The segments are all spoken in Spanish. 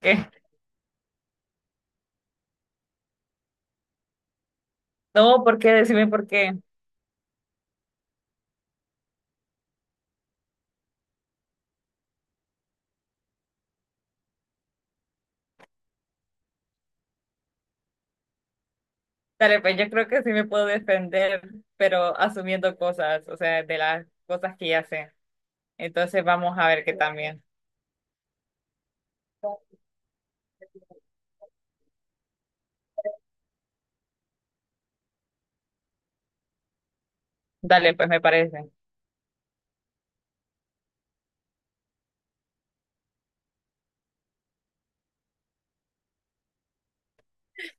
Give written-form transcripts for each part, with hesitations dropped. ¿Qué? No, ¿por qué? Decime por qué. Dale, pues yo creo que sí me puedo defender, pero asumiendo cosas, o sea, de las cosas que ya sé. Entonces vamos a ver qué también. Dale, pues me parece.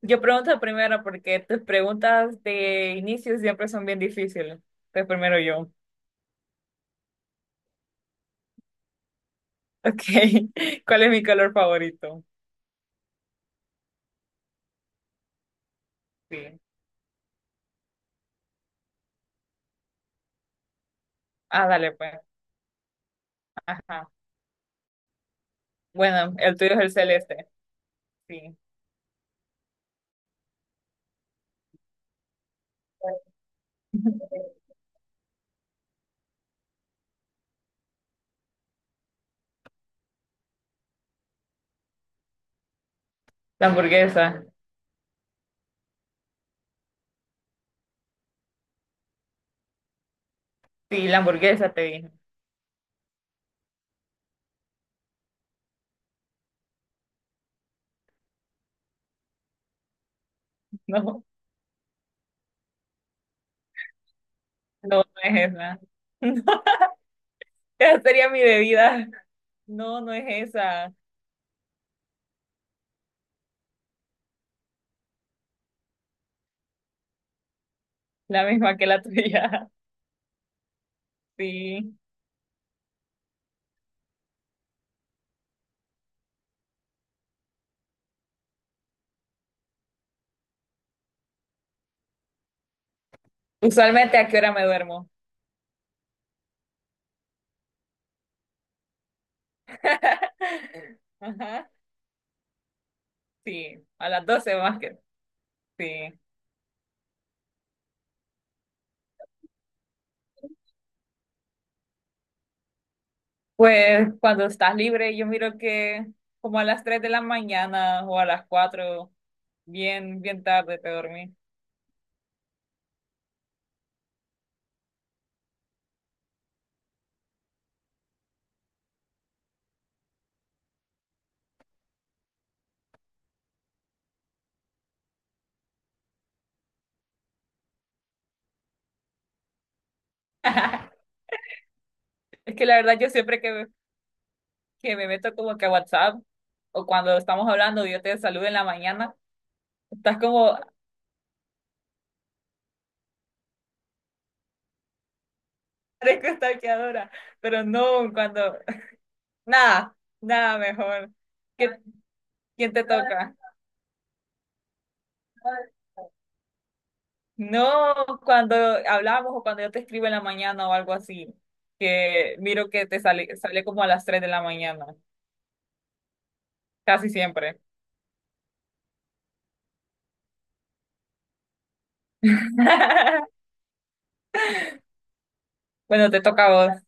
Yo pregunto primero porque tus preguntas de inicio siempre son bien difíciles. Entonces primero yo. Ok, ¿cuál es mi color favorito? Sí. Ah, dale, pues. Ajá. Bueno, el tuyo es el celeste. Sí. La hamburguesa. Sí, la hamburguesa te dije. No. No, no es esa. No, esa sería mi bebida. No, no es esa. La misma que la tuya. Sí. Usualmente, ¿a qué hora me duermo? Ajá. Sí, a las 12 más que. Sí. Pues cuando estás libre, yo miro que como a las 3 de la mañana o a las 4 bien, bien tarde te dormí. Es que la verdad yo siempre que me meto como que a WhatsApp o cuando estamos hablando, yo te saludo en la mañana, estás como parezco stalkeadora, pero no, cuando, nada, nada mejor. ¿Qué- ¿Quién te toca? No, cuando hablamos o cuando yo te escribo en la mañana o algo así, que miro que te sale como a las 3 de la mañana, casi siempre. Bueno, te toca a vos,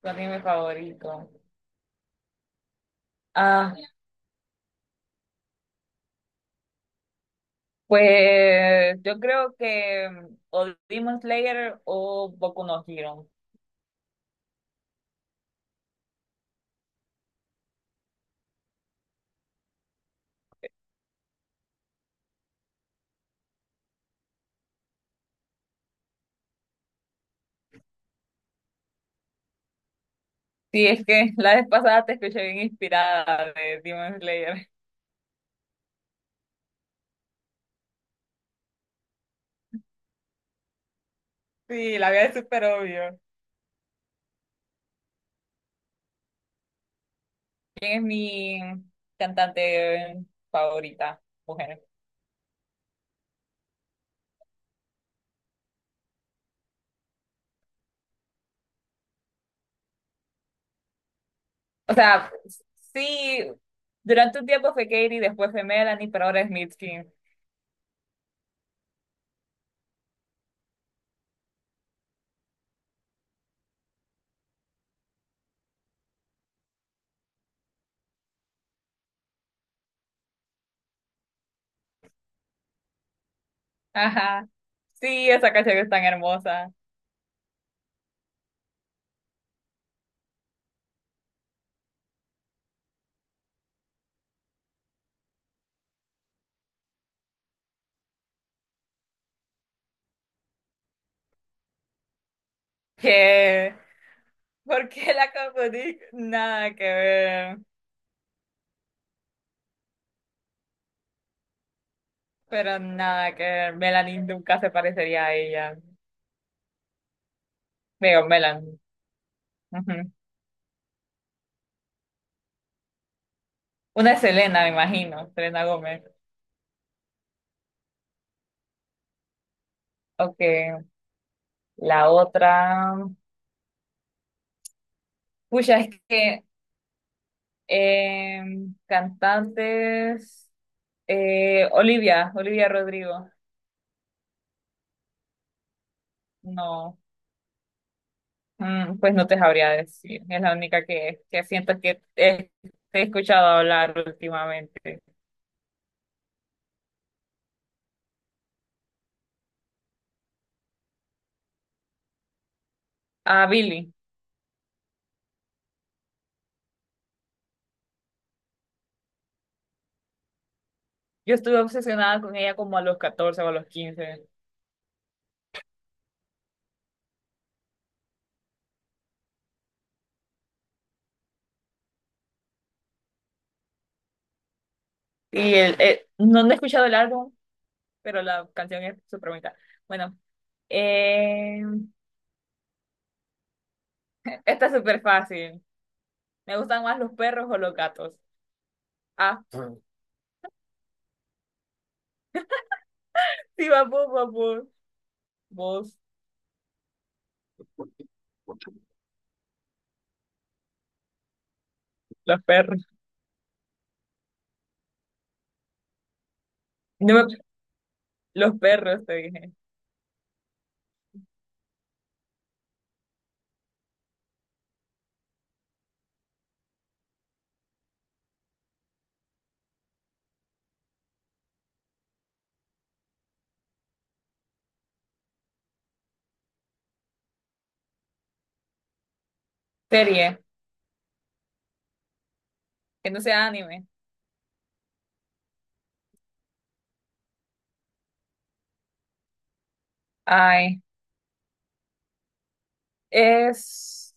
tu anime favorito. Ah, pues yo creo que o Demon Slayer o Boku no Hero. Sí, es que la vez pasada te escuché bien inspirada de Demon Slayer. Sí, la vida es súper obvio. ¿Quién es mi cantante favorita? Mujer. O sea, sí, durante un tiempo fue Katy, después fue Melanie, pero ahora es Mitski. Ajá. Sí, esa canción es tan hermosa. Que, ¿por qué la confundí? Nada que ver. Pero nada que ver. Melanie nunca se parecería a ella. Digo, Melanie. Ujú. Una es Selena, me imagino. Selena Gómez. Ok. La otra. Pucha, es que Eh, cantantes. Olivia, Olivia Rodrigo. No, pues no te sabría decir. Es la única que siento que te he escuchado hablar últimamente. A Billy. Yo estuve obsesionada con ella como a los 14 o a los 15. No, no he escuchado el álbum, pero la canción es súper bonita. Bueno, eh, esta es súper fácil. ¿Me gustan más los perros o los gatos? Ah, sí, vamos, vamos. Vos. Los perros. No me- Los perros, te dije. Serie, que no sea anime. Ay, es...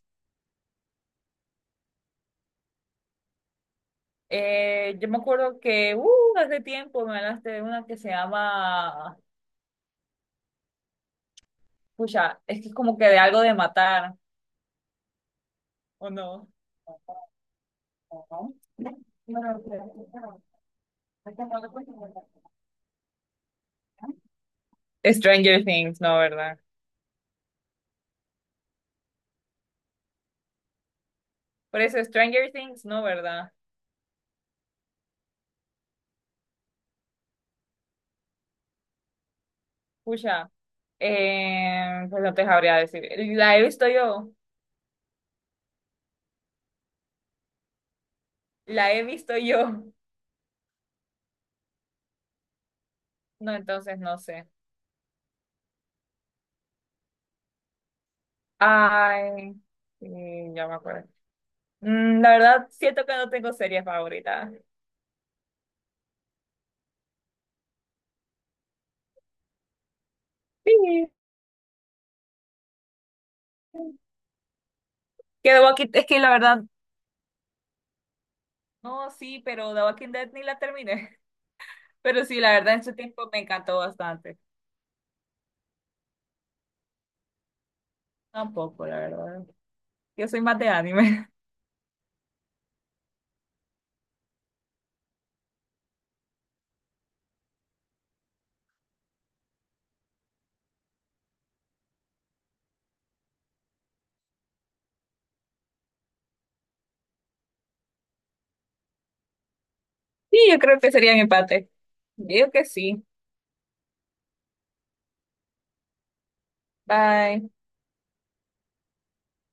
yo me acuerdo que hace tiempo me hablaste de una que se llama... Pucha, es que es como que de algo de matar, ¿o no? Ajá. Stranger Things, no, ¿verdad? Por eso Stranger Things, no, ¿verdad? Pucha, pues no te sabría decir. La he visto yo, la he visto yo. No, entonces no sé. Ay, sí, ya me acuerdo. Mm, la verdad, siento que no tengo series favoritas. Sí. Que The Walking es que la verdad, no, sí, pero The Walking Dead ni la terminé. Pero sí, la verdad, en su tiempo me encantó bastante. Tampoco, la verdad. Yo soy más de anime. Sí, yo creo que sería mi empate. Digo que sí. Bye.